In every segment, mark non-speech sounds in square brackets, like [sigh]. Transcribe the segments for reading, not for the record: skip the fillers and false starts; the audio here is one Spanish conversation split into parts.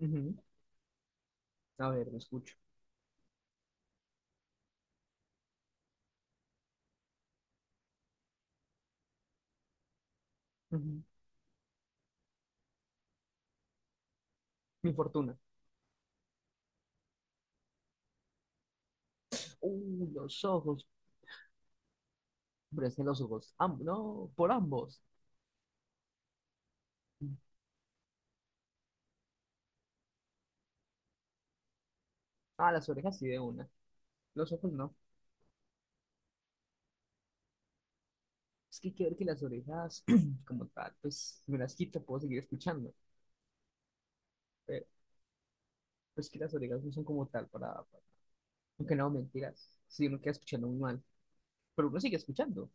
Ujú. A ver, me escucho. Ujú. Mi fortuna. Los ojos. Presten los ojos. No, por ambos. Ah, las orejas sí de una. Los ojos no. Es que hay que ver que las orejas, [clears throat] como tal, pues si me las quito, puedo seguir escuchando. Pero pues que las orejas no son como tal para. Aunque no, mentiras. Si uno queda escuchando muy mal. Pero uno sigue escuchando.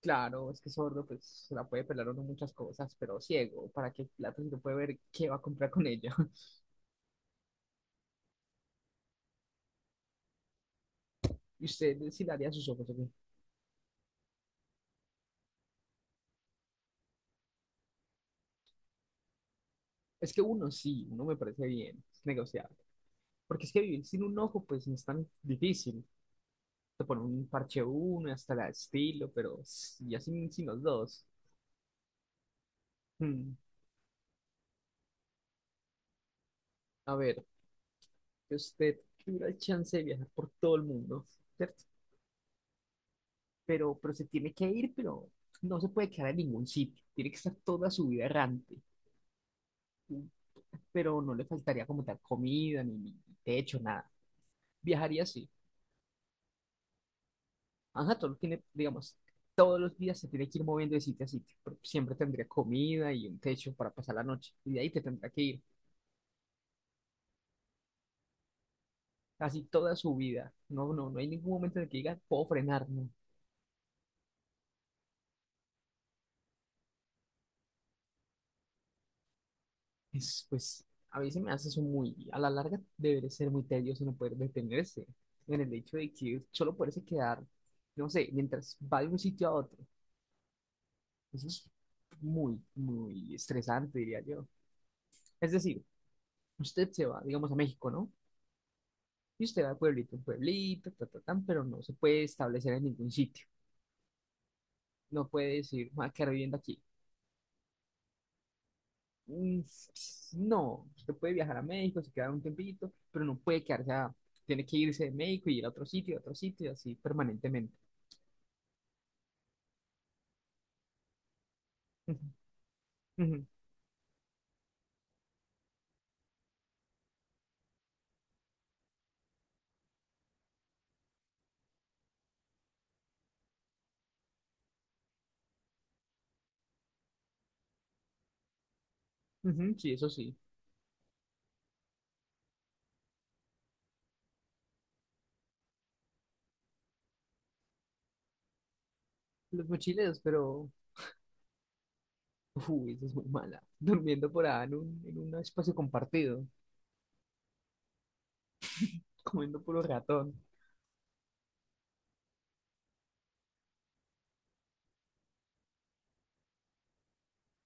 Claro, es que sordo, pues se la puede pelar uno muchas cosas, pero ciego, ¿para qué plata si no puede ver qué va a comprar con ella? [laughs] ¿Y usted si le haría sus ojos? ¿Ok? Es que uno sí, uno me parece bien, es negociable. Porque es que vivir sin un ojo, pues no es tan difícil. Te ponen un parche uno, hasta la estilo, pero ya sin, sin los dos. Hmm, A ver, que usted tuviera el chance de viajar por todo el mundo, ¿cierto? Pero se tiene que ir, pero no se puede quedar en ningún sitio. Tiene que estar toda su vida errante. Pero no le faltaría como tal comida, ni techo, nada. Viajaría así. Ajá, todo tiene, digamos, todos los días se tiene que ir moviendo de sitio a sitio, pero siempre tendría comida y un techo para pasar la noche, y de ahí te tendrá que ir casi toda su vida. No, no, no hay ningún momento en el que digas, puedo frenar, no. Es, pues, a veces me hace eso muy, a la larga debe ser muy tedioso no poder detenerse, en el hecho de que solo poderse quedar, no sé, mientras va de un sitio a otro. Eso es muy, muy estresante, diría yo. Es decir, usted se va, digamos, a México, ¿no? Y usted va de pueblito en pueblito, tan, pero no se puede establecer en ningún sitio. No puede decir, me voy a quedar viviendo aquí. Mm. No, usted puede viajar a México, se queda un tiempito, pero no puede Tiene que irse de México y ir a otro sitio, y así permanentemente. [laughs] Ujú, ujú, ujú. Sí, eso sí. Los mochileros, pero... Uy, eso es muy mala. [laughs] Durmiendo por ahí en un espacio compartido, comiendo puro ratón.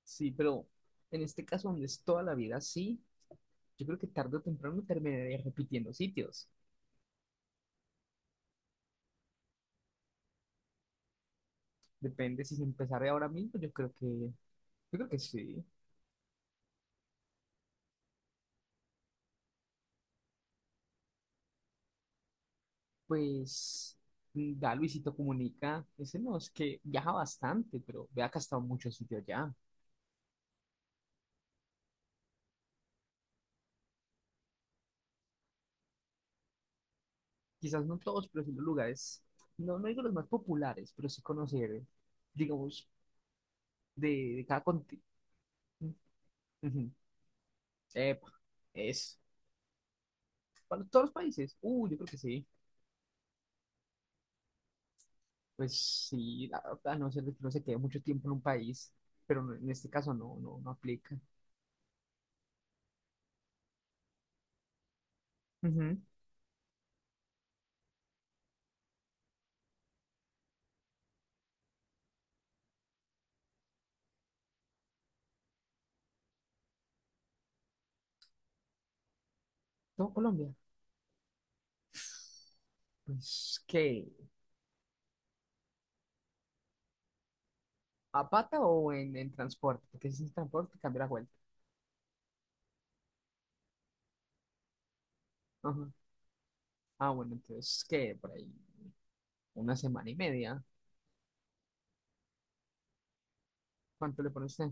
Sí, pero en este caso donde es toda la vida así, yo creo que tarde o temprano terminaría repitiendo sitios. Depende si se empezara ahora mismo, yo creo que sí. Pues mm, da Luisito Comunica, ese no, es que viaja bastante, pero vea que ha estado en muchos sitios ya. Quizás no todos, pero sí los lugares, no, no digo los más populares, pero sí conocer, digamos, de, de cada continente. Epa, es para todos los países. Yo creo que sí. Pues sí, la verdad, a no ser de que uno se quede mucho tiempo en un país, pero en este caso no, no, no aplica. Ujú. ¿Todo Colombia? Pues, ¿qué? ¿A pata o en transporte? Porque si es en transporte, cambia la vuelta. Ajá. Ah, bueno, entonces, ¿qué? Por ahí, una semana y media. ¿Cuánto le pone usted?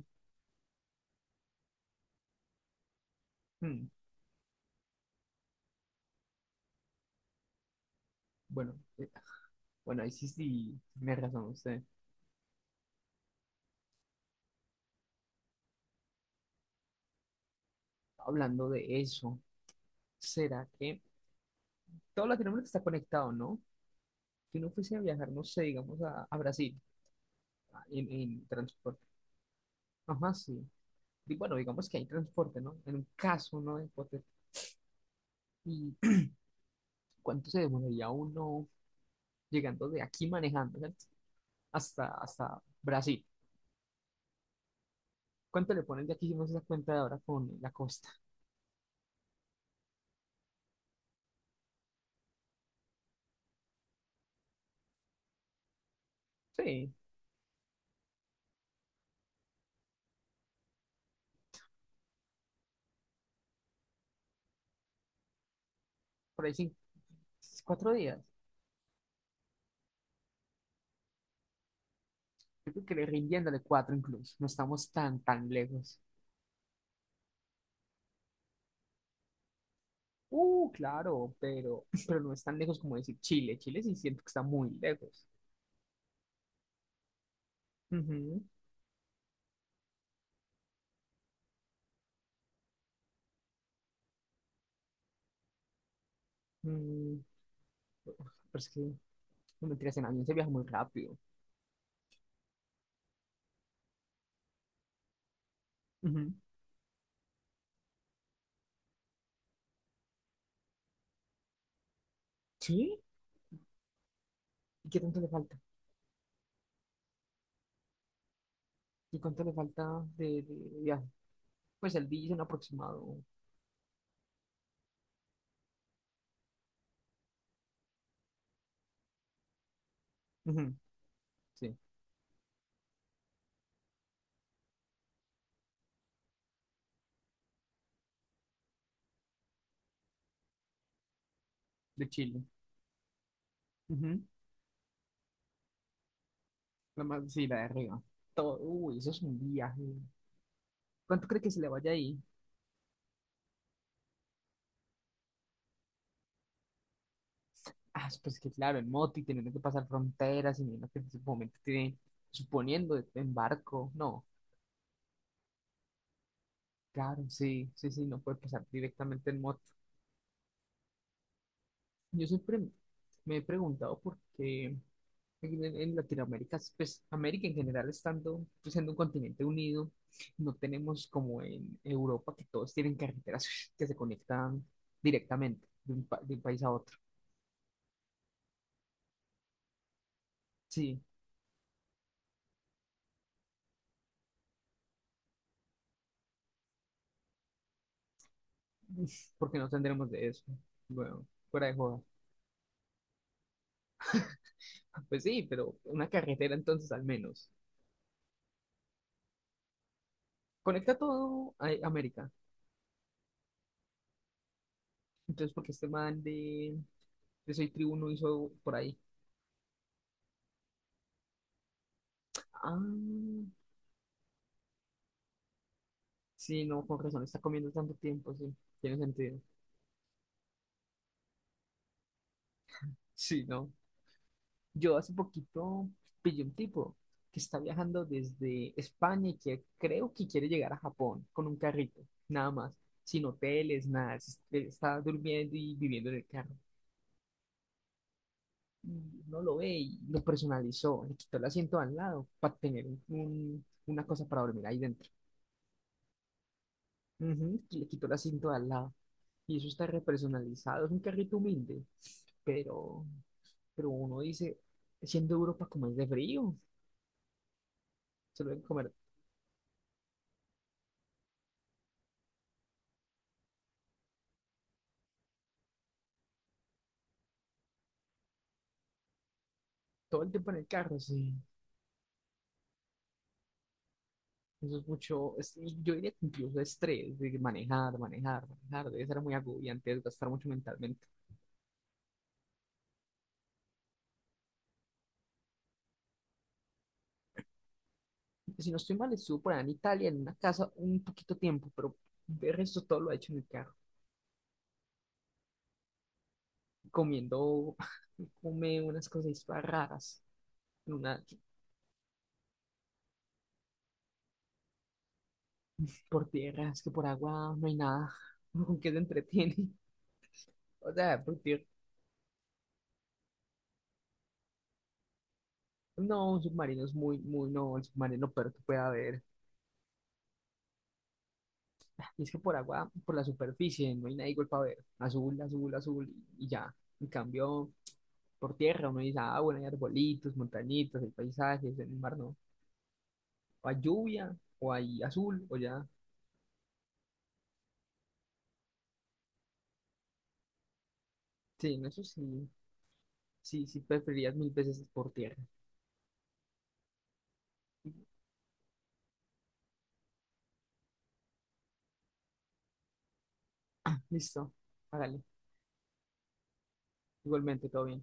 Hmm, Bueno, bueno, ahí sí, sí, tiene razón usted. Hablando de eso, ¿será que todo Latinoamérica está conectado, no? Si uno fuese a viajar, no sé, digamos, a Brasil, en transporte. Ajá, sí. Y bueno, digamos que hay transporte, ¿no? En un caso, ¿no? Hipotético. ¿Y cuánto se demoraría uno llegando de aquí manejando, ¿cierto? Hasta, hasta Brasil. ¿Cuánto le ponen de aquí si no se da cuenta de ahora con la costa? Sí, por ahí sí, cuatro días. Yo creo que le rindiéndole cuatro incluso. No estamos tan, tan lejos. Claro, pero, [laughs] pero no es tan lejos como decir Chile. Chile sí siento que está muy lejos. Ujú. Mm, pero es que, no mentiras, en avión se viaja muy rápido. Ujú. ¿Sí? ¿Y qué tanto le falta? ¿Y cuánto le falta de viaje? Pues él dice un aproximado. Ujú, sí, de Chile. Ujú, la más, sí, la de arriba. Todo, uy, eso es un viaje. ¿Cuánto cree que se le vaya ahí? Ah, pues que claro, en moto y teniendo que pasar fronteras y viendo que en ese momento tiene, suponiendo, en barco. No, claro, sí, sí, sí, no puede pasar directamente en moto. Yo siempre me he preguntado por qué. Latinoamérica, pues América en general estando, pues, siendo un continente unido, no tenemos como en Europa que todos tienen carreteras [laughs] que se conectan directamente de de un país a otro. Sí, [laughs] porque no tendremos de eso. Bueno, fuera de joda. Pues sí, pero una carretera entonces al menos. Conecta todo a América. Entonces, porque este man de Soy Tribuno hizo por ahí. Ah, sí, no, con razón, está comiendo tanto tiempo, sí, tiene sentido. Sí, no. Yo hace poquito pillé un tipo que está viajando desde España y que creo que quiere llegar a Japón con un carrito, nada más, sin hoteles, nada, está durmiendo y viviendo en el carro. Y uno lo ve y lo personalizó, le quitó el asiento al lado para tener una cosa para dormir ahí dentro. Ujú, y le quitó el asiento al lado. Y eso está repersonalizado, es un carrito humilde, pero, pero uno dice, siendo Europa como es de frío, se lo deben comer todo el tiempo en el carro, sí. Eso es mucho, yo diría que incluso estrés, de manejar, manejar, manejar, debe ser muy agobiante, desgastar mucho mentalmente. Si no estoy mal, estuvo por allá en Italia, en una casa, un poquito tiempo, pero de resto todo lo ha hecho en el carro, comiendo, [laughs] come unas cosas raras, una, por tierra, es que por agua no hay nada, [laughs] uno con qué se entretiene, [laughs] o sea, por tierra, no, un submarino es muy, muy, no, el submarino, pero que puede haber. Y es que por agua, por la superficie, no hay nada igual para ver. Azul, azul, azul, y ya. En cambio, por tierra uno dice, ah, bueno, hay arbolitos, montañitas, hay paisajes, en el mar no. O hay lluvia, o hay azul, o ya. Sí, en eso sí, sí, sí preferirías mil veces por tierra. Listo, hágale. Igualmente, todo bien.